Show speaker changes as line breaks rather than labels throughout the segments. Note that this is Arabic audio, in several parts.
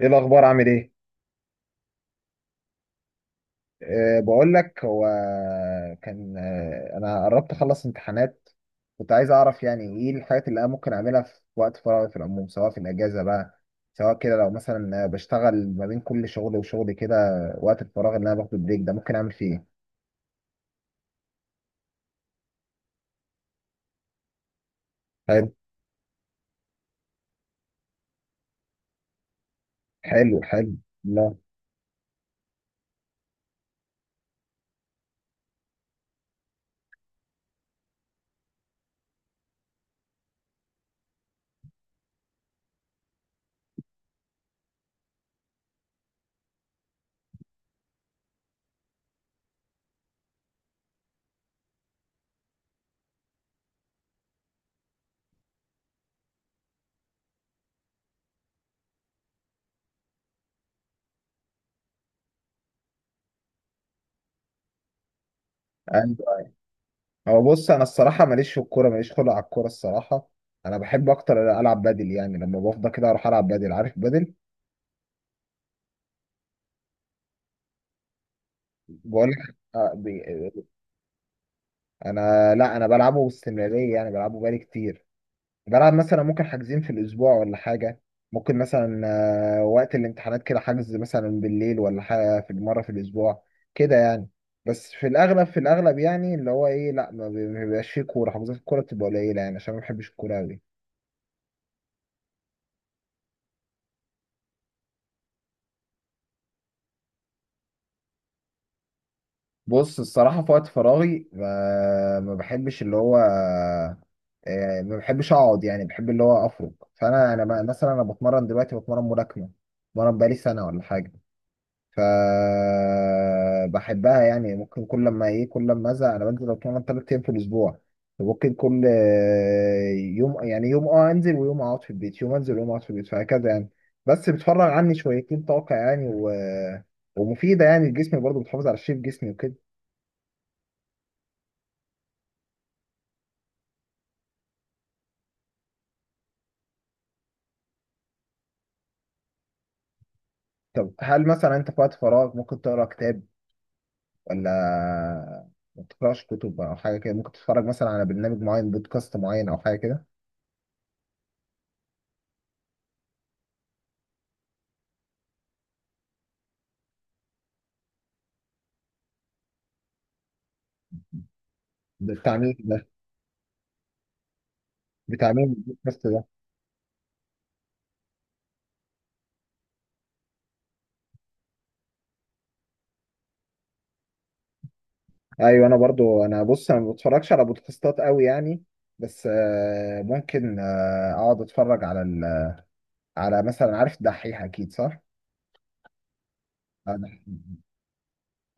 ايه الاخبار؟ عامل ايه؟ بقول لك. هو كان، انا قربت اخلص امتحانات. كنت عايز اعرف يعني ايه الحاجات اللي انا ممكن اعملها في وقت فراغي في العموم، سواء في الاجازه بقى، سواء كده لو مثلا بشتغل ما بين كل شغل وشغل كده، وقت الفراغ اللي انا باخده بريك ده ممكن اعمل فيه ايه. حلو، حلو، حلو. لا. أيوة. هو بص، انا الصراحه ماليش في الكوره، ماليش خلق على الكوره الصراحه. انا بحب اكتر العب بادل، يعني لما بفضى كده اروح العب بادل. عارف بادل؟ بقول لك. انا، لا، انا بلعبه باستمراريه يعني، بلعبه بقالي كتير. بلعب مثلا ممكن حاجزين في الاسبوع ولا حاجه. ممكن مثلا وقت الامتحانات كده، حجز مثلا بالليل ولا حاجه، في مره في الاسبوع كده يعني. بس في الاغلب يعني اللي هو ايه، لا، ما بيبقاش فيه كوره، حجوزات الكوره بتبقى قليله يعني، عشان ما بحبش الكوره قوي. بص الصراحه في وقت فراغي ما بحبش اللي هو، ما بحبش اقعد يعني، بحب اللي هو افرج. فانا، مثلا انا بتمرن دلوقتي، بتمرن ملاكمه، بتمرن بقالي سنه ولا حاجه. فبحبها يعني، ممكن كل لما ايه، كل لما ازهق انا بنزل اتمرن ثلاث ايام في الاسبوع. ممكن كل يوم، يعني يوم انزل ويوم اقعد في البيت، يوم انزل ويوم اقعد في البيت، فهكذا يعني. بس بتفرغ عني شويتين طاقة يعني، ومفيدة يعني، الجسم برضه بتحافظ على شيب جسمي وكده. طب هل مثلا انت في وقت فراغ ممكن تقرا كتاب ولا ما بتقراش كتب او حاجة كده؟ ممكن تتفرج مثلا على برنامج معين، بودكاست معين او حاجة كده؟ بتاع مين ده؟ بتاع مين البودكاست ده؟ ايوه، انا برضو، انا ما بتفرجش على بودكاستات قوي يعني. بس ممكن اقعد اتفرج على على مثلا، عارف الدحيح اكيد، صح؟ أنا-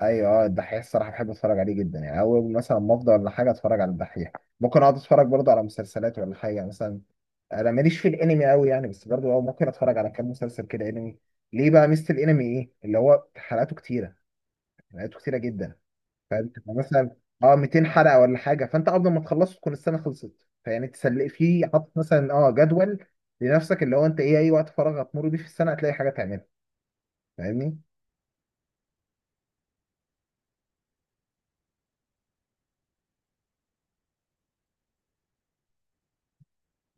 ايوه، الدحيح الصراحه بحب اتفرج عليه جدا يعني، اول مثلا ما افضى ولا حاجه اتفرج على الدحيح. ممكن اقعد اتفرج برضو على مسلسلات ولا حاجه مثلا. انا ماليش في الانمي قوي يعني، بس برضو ممكن اتفرج على كام مسلسل كده انمي. ليه بقى؟ ميزه الانمي ايه؟ اللي هو حلقاته كتيره، حلقاته كتيره جدا. فانت مثلا اه 200 حلقه ولا حاجه، فانت قبل ما تخلصه تكون السنه خلصت. فيعني تسلق فيه، حاطط مثلا جدول لنفسك، اللي هو انت ايه، اي وقت فراغ هتمر بيه في السنه هتلاقي حاجه تعملها، فاهمني.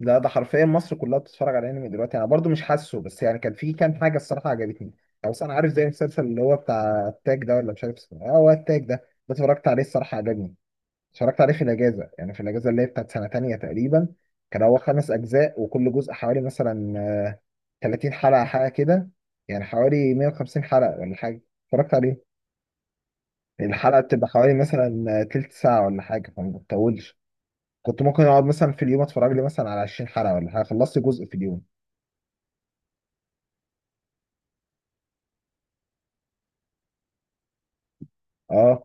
لا، ده حرفيا مصر كلها بتتفرج على انمي دلوقتي. انا برضو مش حاسه، بس يعني كان في كام حاجه الصراحه عجبتني. او بس انا عارف، زي المسلسل اللي هو بتاع التاج ده، ولا مش عارف اسمه إيه؟ اه، هو التاج ده. ده اتفرجت عليه الصراحه، عجبني. اتفرجت عليه في الاجازه، يعني في الاجازه اللي هي بتاعت سنه تانية تقريبا. كان هو خمس اجزاء، وكل جزء حوالي مثلا 30 حلقه حاجه كده، يعني حوالي 150 حلقه ولا حاجه. اتفرجت عليه، الحلقه بتبقى حوالي مثلا تلت ساعه ولا حاجه، فما بتطولش. كنت ممكن اقعد مثلا في اليوم اتفرج لي مثلا على 20 حلقه ولا حاجه، خلصت جزء في اليوم. اه،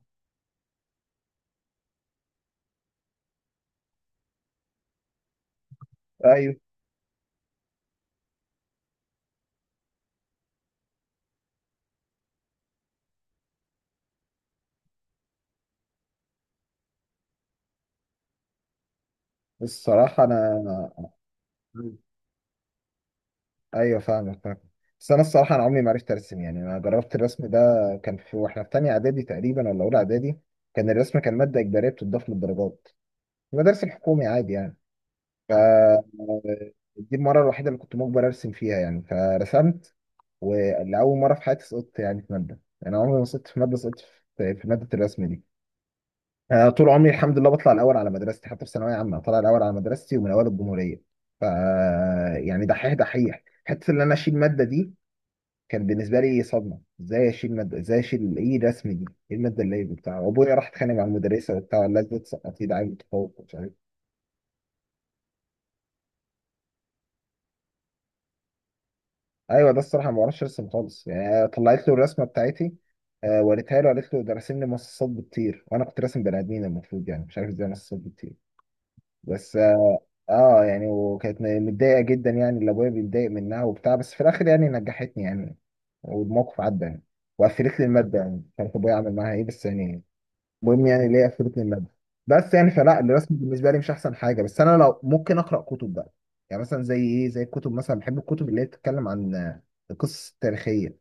ايوه الصراحه انا. ايوه، فاهمك، فاهم. بس انا الصراحه انا عمري ما عرفت ارسم يعني، انا جربت الرسم ده، كان في واحنا في تانية اعدادي تقريبا ولا اولى اعدادي. كان الرسم، كان ماده اجباريه بتضاف للدرجات في المدارس الحكومي عادي يعني. ف دي المره الوحيده اللي كنت مجبر ارسم فيها يعني، فرسمت. ولأول مره في حياتي سقطت يعني في ماده، يعني انا عمري ما سقطت في ماده، سقطت في ماده الرسم دي. أنا طول عمري الحمد لله بطلع الاول على مدرستي، حتى في ثانويه عامه طلع الاول على مدرستي ومن اوائل الجمهوريه. ف يعني دحيح دحيح، حته ان انا اشيل ماده دي كان بالنسبه لي صدمه، ازاي اشيل ماده، ازاي اشيل ايه الرسم دي، ايه الماده اللي هي بتاع. وابويا راح اتخانق مع المدرسه وبتاع، لا ده تسقطي، ده عيل متفوق، مش عارف. ايوه، ده الصراحه ما بعرفش ارسم خالص يعني. طلعت له الرسمه بتاعتي، وريتها له، قالت له ده راسم لي مصاصات بتطير، وانا كنت راسم بني ادمين المفروض، يعني مش عارف ازاي مصاصات بتطير. بس يعني وكانت متضايقه جدا يعني، اللي ابويا بيتضايق منها وبتاع، بس في الاخر يعني نجحتني يعني. والموقف عدى يعني، وقفلت لي الماده، يعني مش عارف ابويا عمل معاها ايه، بس يعني المهم، يعني ليه قفلت من الماده. بس يعني فلا، الرسم بالنسبه لي مش احسن حاجه. بس انا لو ممكن اقرا كتب بقى، يعني مثلا زي ايه، زي الكتب مثلا، بحب الكتب اللي هي بتتكلم عن القصص التاريخيه.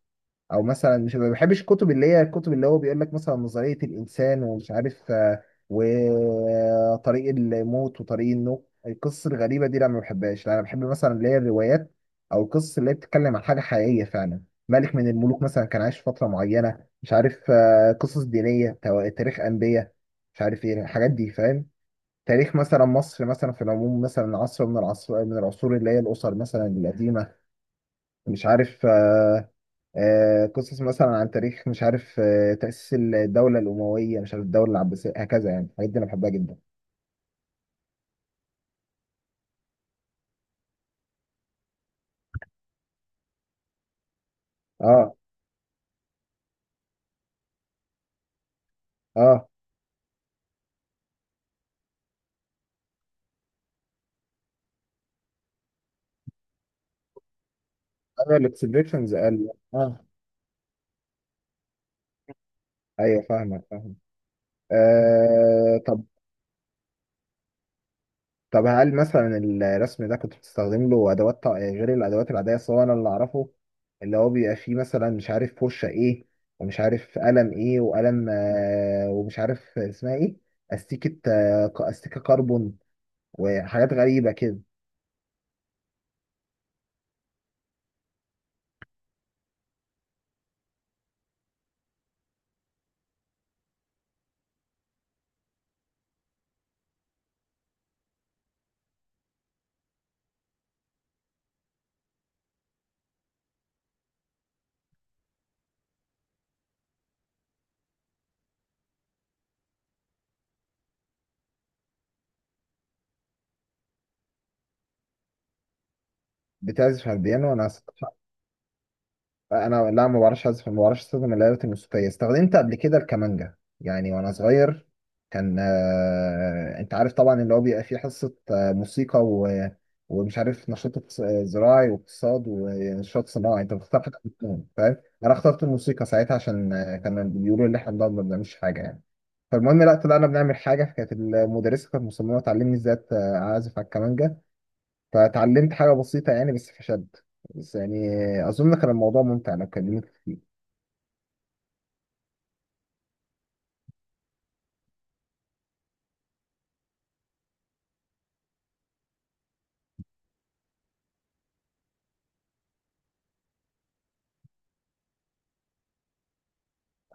او مثلا، مش ما بحبش الكتب اللي هي الكتب اللي هو بيقول لك مثلا نظرية الانسان ومش عارف وطريق الموت وطريق النوم، القصص الغريبة دي لا ما بحبهاش. لا انا بحب مثلا اللي هي الروايات، او القصص اللي هي بتتكلم عن حاجة حقيقية فعلا، ملك من الملوك مثلا كان عايش فترة معينة، مش عارف قصص دينية، تاريخ انبياء، مش عارف ايه الحاجات دي فاهم. تاريخ مثلا مصر مثلا في العموم، مثلا عصر من العصور اللي هي الاسر مثلا القديمة، مش عارف قصص مثلا عن تاريخ، مش عارف تأسيس الدولة الأموية، مش عارف الدولة العباسية، هكذا يعني الحاجات دي أنا بحبها جدا. اه، اه، ايوه الاكسبريشنز، قال اه. ايوه، فاهمك، فاهم. آه طب طب هل مثلا الرسم ده كنت بتستخدم له ادوات غير الادوات العاديه؟ اصل هو انا اللي اعرفه اللي هو بيبقى فيه مثلا، مش عارف فرشه ايه، ومش عارف قلم ايه، وقلم ومش عارف اسمها ايه، استيكه، استيكه كربون، وحاجات غريبه كده. بتعزف على البيانو؟ انا لا، ما بعرفش اعزف. ما بعرفش استخدم الآلات الموسيقية. استخدمت قبل كده الكمانجا، يعني وانا صغير، كان انت عارف طبعا اللي هو بيبقى فيه حصة موسيقى ومش عارف نشاط زراعي، واقتصاد، ونشاط صناعي، انت بتختار حاجة منهم فاهم. انا اخترت الموسيقى ساعتها، عشان كانوا بيقولوا ان احنا بنقعد ما بنعملش حاجة يعني. فالمهم، لا طلعنا بنعمل حاجة، كانت المدرسة كانت مصممة تعلمني ازاي اعزف على الكمانجا. فتعلمت حاجة بسيطة يعني، بس فشد بس يعني. أظن كان الموضوع ممتع لو كلمت فيه.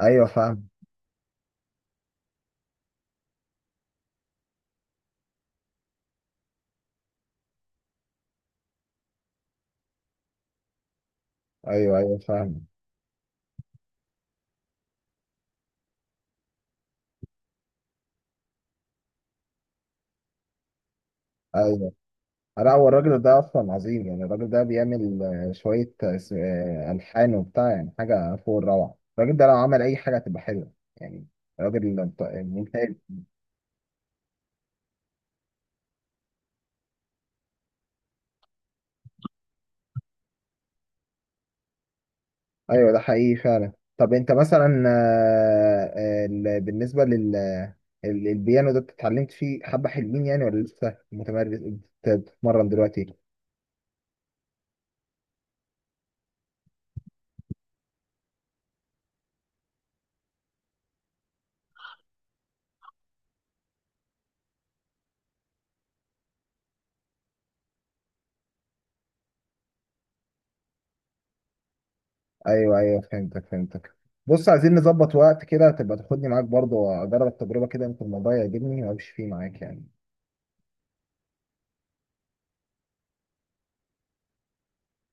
أيوه فاهم. أيوه، أيوه فاهم. أيوه، لا، هو الراجل ده أصلا عظيم يعني، الراجل ده بيعمل شوية ألحان وبتاع، يعني حاجة فوق الروعة، الراجل ده لو عمل أي حاجة هتبقى حلوة يعني. راجل ممتاز. أيوه ده حقيقي فعلا. طب أنت مثلا بالنسبة البيانو ده، اتعلمت فيه حبة حلوين يعني، ولا لسه متمرس بتتمرن دلوقتي؟ ايوه، ايوه، فهمتك، فهمتك. بص عايزين نظبط وقت كده، تبقى تاخدني معاك برضه واجرب التجربه كده، يمكن الموضوع يعجبني وامشي فيه معاك يعني.